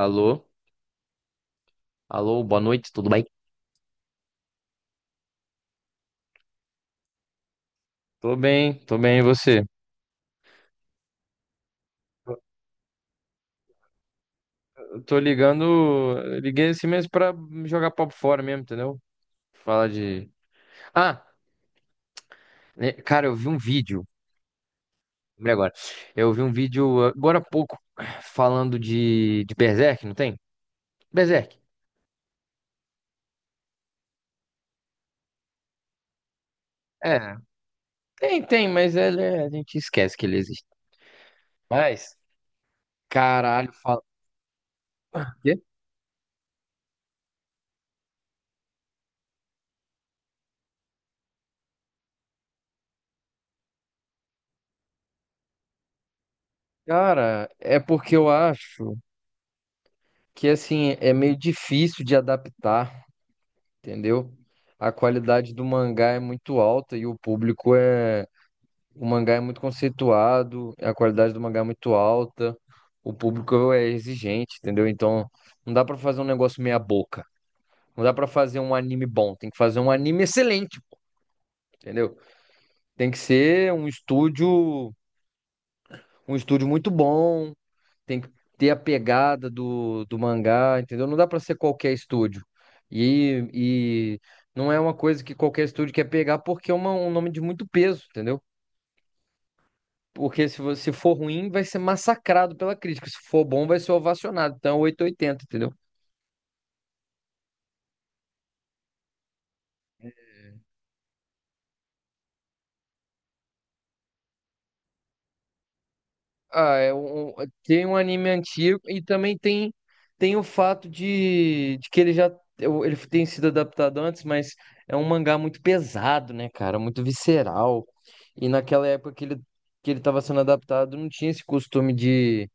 Alô? Alô, boa noite, tudo bem? Tô bem, tô bem, e você? Eu tô ligando, eu liguei assim mesmo pra jogar papo fora mesmo, entendeu? Falar de... Ah, né, cara, eu vi um vídeo, lembrei agora. Eu vi um vídeo agora há pouco falando de Berserk, não tem? Berserk. É, tem, mas a gente esquece que ele existe. Mas, caralho, fala... Quê? Cara, é porque eu acho que, assim, é meio difícil de adaptar, entendeu? A qualidade do mangá é muito alta e o público é. O mangá é muito conceituado, a qualidade do mangá é muito alta, o público é exigente, entendeu? Então, não dá pra fazer um negócio meia boca. Não dá pra fazer um anime bom, tem que fazer um anime excelente, entendeu? Tem que ser um estúdio muito bom, tem que ter a pegada do mangá, entendeu? Não dá pra ser qualquer estúdio. E não é uma coisa que qualquer estúdio quer pegar porque é um nome de muito peso, entendeu? Porque se você for ruim, vai ser massacrado pela crítica. Se for bom, vai ser ovacionado. Então, é 880, entendeu? Ah, é tem um anime antigo e também tem, tem o fato de que ele tem sido adaptado antes, mas é um mangá muito pesado, né, cara? Muito visceral. E naquela época que ele estava sendo adaptado, não tinha esse costume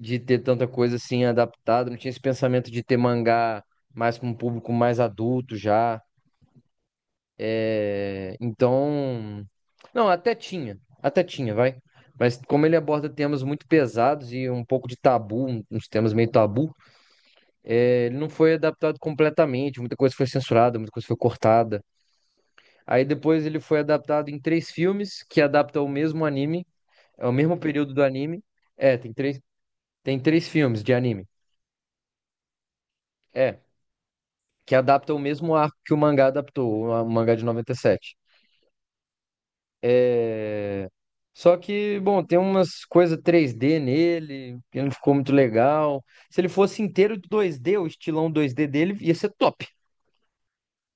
de ter tanta coisa assim adaptada, não tinha esse pensamento de ter mangá mais para um público mais adulto já. Então, não, até tinha, vai. Mas como ele aborda temas muito pesados e um pouco de tabu, uns temas meio tabu, é, ele não foi adaptado completamente, muita coisa foi censurada, muita coisa foi cortada. Aí depois ele foi adaptado em três filmes que adaptam o mesmo anime, é o mesmo período do anime. É, tem três filmes de anime. É, que adaptam o mesmo arco que o mangá adaptou, o mangá de noventa e sete. É... Só que, bom, tem umas coisas 3D nele, que não ficou muito legal. Se ele fosse inteiro 2D, o estilão 2D dele ia ser top.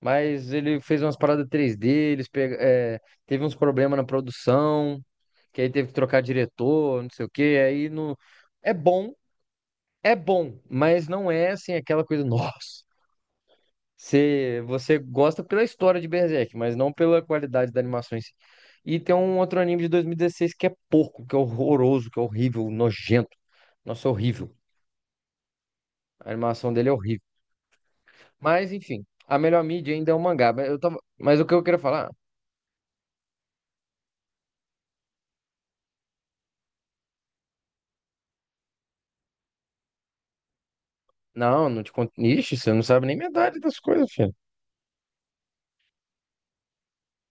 Mas ele fez umas paradas 3D, é, teve uns problemas na produção, que aí teve que trocar diretor, não sei o quê. Aí não... É bom, é bom, mas não é assim aquela coisa, nossa. Você gosta pela história de Berserk, mas não pela qualidade da animação em si. E tem um outro anime de 2016 que é porco, que é horroroso, que é horrível, nojento. Nossa, é horrível. A animação dele é horrível. Mas, enfim, a melhor mídia ainda é o mangá. Mas, eu tava... mas o que eu queria falar? Não, não te conto. Ixi, você não sabe nem metade das coisas, filho.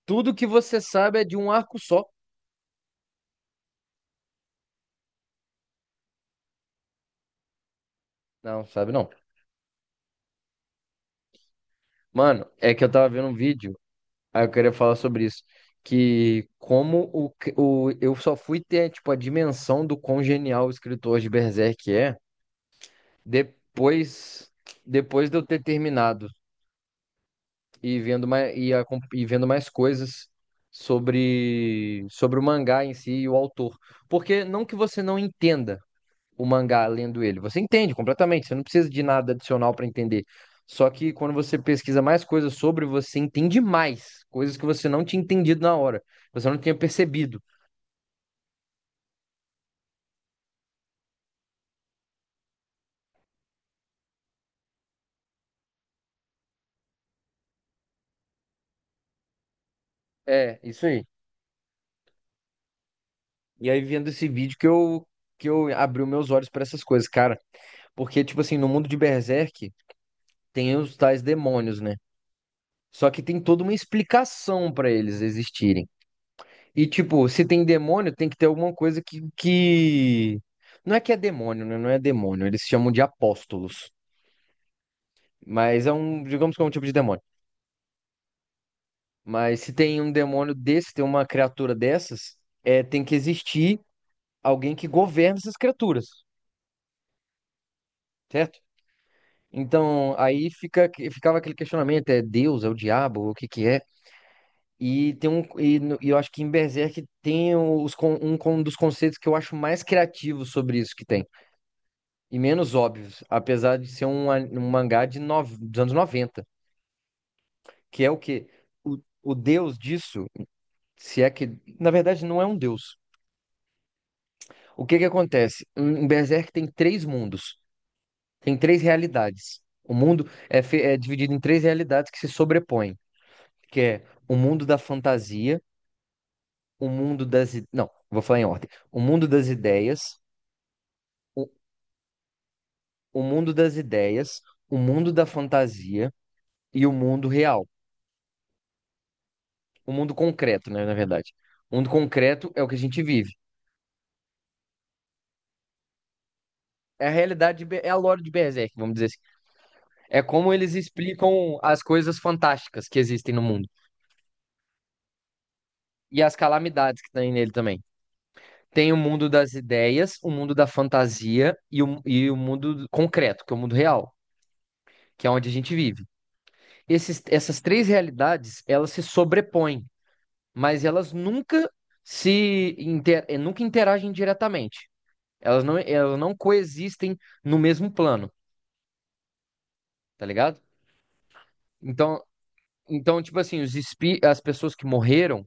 Tudo que você sabe é de um arco só. Não, sabe não. Mano, é que eu tava vendo um vídeo. Aí eu queria falar sobre isso. Que como eu só fui ter, tipo, a dimensão do quão genial o escritor de Berserk é depois, depois de eu ter terminado e vendo e vendo mais coisas sobre o mangá em si e o autor. Porque não que você não entenda, o mangá lendo ele. Você entende completamente, você não precisa de nada adicional para entender. Só que quando você pesquisa mais coisas sobre, você entende mais coisas que você não tinha entendido na hora, você não tinha percebido. É, isso aí. E aí vendo esse vídeo que eu abri os meus olhos para essas coisas, cara, porque tipo assim, no mundo de Berserk tem os tais demônios, né? Só que tem toda uma explicação para eles existirem. E, tipo, se tem demônio, tem que ter alguma coisa que... Não é que é demônio, né? Não é demônio. Eles chamam de apóstolos. Mas é um, digamos que é um tipo de demônio. Mas se tem um demônio desse, tem uma criatura dessas, é, tem que existir alguém que governa essas criaturas, certo? Então, ficava aquele questionamento, é Deus, é o diabo, o que que é? E tem um, e, no- e eu acho que em Berserk tem os, con- um, con- dos conceitos que eu acho mais criativos sobre isso que tem, e menos óbvios, apesar de ser um mangá de dos anos noventa, que é o quê? O, o deus disso, se é que, na verdade, não é um deus. O que que acontece? Em Berserk tem três mundos, tem três realidades. O mundo é, é dividido em três realidades que se sobrepõem, que é o mundo da fantasia, o mundo das... não, vou falar em ordem. O mundo das ideias, o o mundo das ideias, o mundo da fantasia e o mundo real. O mundo concreto, né, na verdade. O mundo concreto é o que a gente vive. É a realidade, é a lore de Berserk, vamos dizer assim. É como eles explicam as coisas fantásticas que existem no mundo. E as calamidades que tem nele também. Tem o mundo das ideias, o mundo da fantasia e o mundo concreto, que é o mundo real, que é onde a gente vive. Essas três realidades, elas se sobrepõem, mas elas nunca se inter- nunca interagem diretamente. Elas não coexistem no mesmo plano. Tá ligado? Então, então tipo assim, os espi as pessoas que morreram,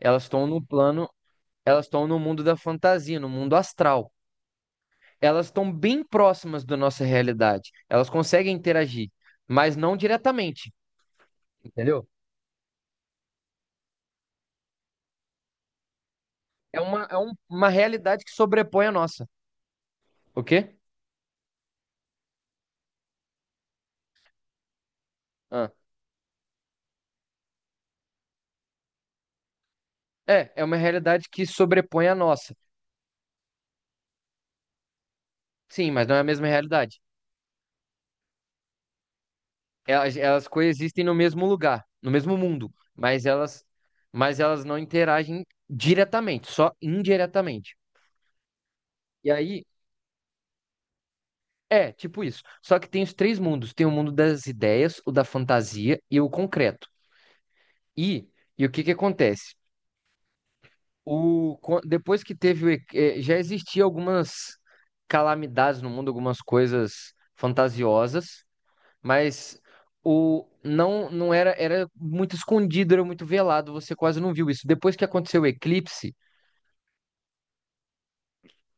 elas estão no plano, elas estão no mundo da fantasia, no mundo astral. Elas estão bem próximas da nossa realidade. Elas conseguem interagir, mas não diretamente, entendeu? É uma realidade que sobrepõe a nossa. O quê? Ah. É, é uma realidade que sobrepõe a nossa. Sim, mas não é a mesma realidade. Elas elas coexistem no mesmo lugar, no mesmo mundo, mas elas não interagem diretamente, só indiretamente. E aí, é, tipo isso. Só que tem os três mundos: tem o mundo das ideias, o da fantasia e o concreto. E e, o que que acontece? Depois que teve, já existiam algumas calamidades no mundo, algumas coisas fantasiosas. Mas o não não era era muito escondido, era muito velado, você quase não viu isso. Depois que aconteceu o eclipse,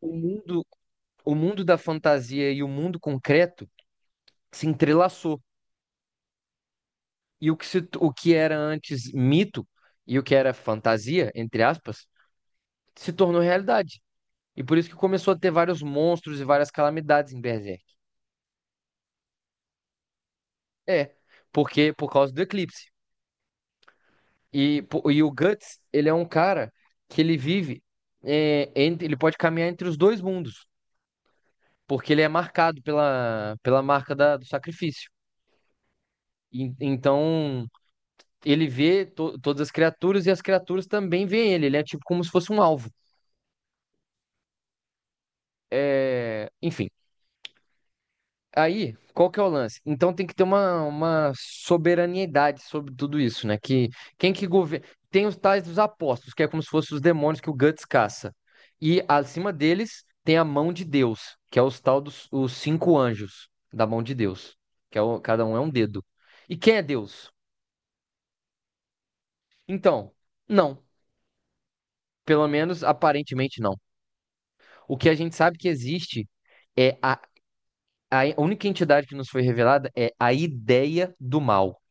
o mundo o mundo da fantasia e o mundo concreto se entrelaçou. E o que se, o que era antes mito e o que era fantasia, entre aspas, se tornou realidade. E por isso que começou a ter vários monstros e várias calamidades em Berserk. É, porque por causa do eclipse. E, pô, e o Guts, ele é um cara que ele vive, é, entre, ele pode caminhar entre os dois mundos, porque ele é marcado pela, pela marca do sacrifício. E então, ele vê todas as criaturas e as criaturas também veem ele. Ele é tipo como se fosse um alvo. É, enfim. Aí, qual que é o lance? Então tem que ter uma soberaniedade sobre tudo isso, né? Que quem que governa. Tem os tais dos apóstolos, que é como se fossem os demônios que o Guts caça. E acima deles tem a mão de Deus, que é os tal dos os cinco anjos da mão de Deus, que é cada um é um dedo. E quem é Deus? Então, não. Pelo menos aparentemente não. O que a gente sabe que existe é a única entidade que nos foi revelada é a ideia do mal.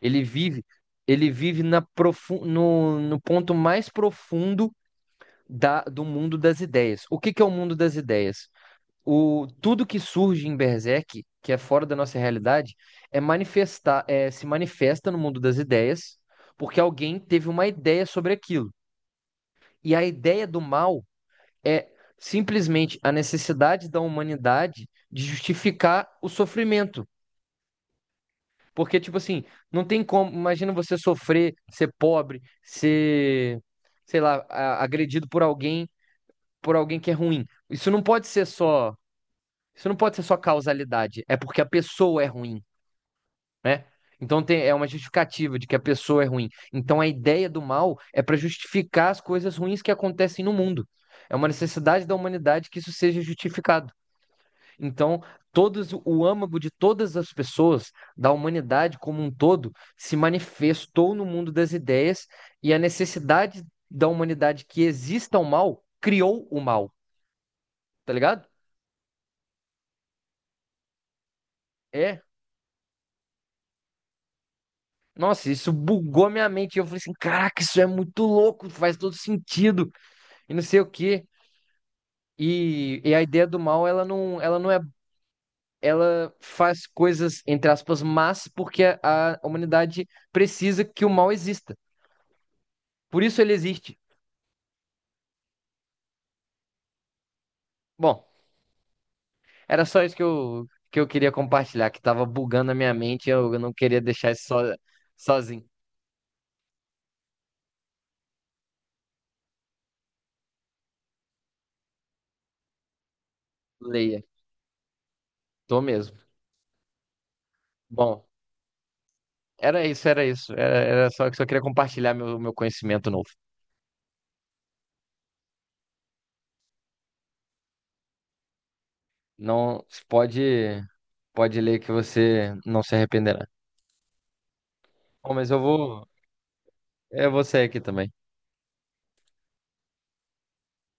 Ele vive, ele vive na profu no, no ponto mais profundo do mundo das ideias. O que que é o mundo das ideias? O, tudo que surge em Berserk, que é fora da nossa realidade, se manifesta no mundo das ideias, porque alguém teve uma ideia sobre aquilo. E a ideia do mal é simplesmente a necessidade da humanidade de justificar o sofrimento. Porque, tipo assim, não tem como. Imagina você sofrer, ser pobre, ser, sei lá, agredido por alguém que é ruim. Isso não pode ser só. Isso não pode ser só causalidade. É porque a pessoa é ruim, né? Então tem, é uma justificativa de que a pessoa é ruim. Então a ideia do mal é para justificar as coisas ruins que acontecem no mundo. É uma necessidade da humanidade que isso seja justificado. Então, todas, o âmago de todas as pessoas, da humanidade como um todo, se manifestou no mundo das ideias e a necessidade da humanidade que exista o mal criou o mal, tá ligado? É. Nossa, isso bugou minha mente. Eu falei assim: caraca, isso é muito louco, faz todo sentido, e não sei o quê. E a ideia do mal, ela não é. Ela faz coisas, entre aspas, mas porque a humanidade precisa que o mal exista. Por isso ele existe. Bom, era só isso que eu queria compartilhar, que tava bugando a minha mente e eu não queria deixar isso sozinho. Leia, tô mesmo. Bom, era isso, era isso. Era, era só que só queria compartilhar meu conhecimento novo. Não, pode ler que você não se arrependerá. Bom, mas eu vou sair aqui também.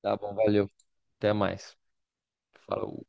Tá bom, valeu. Até mais. Falou.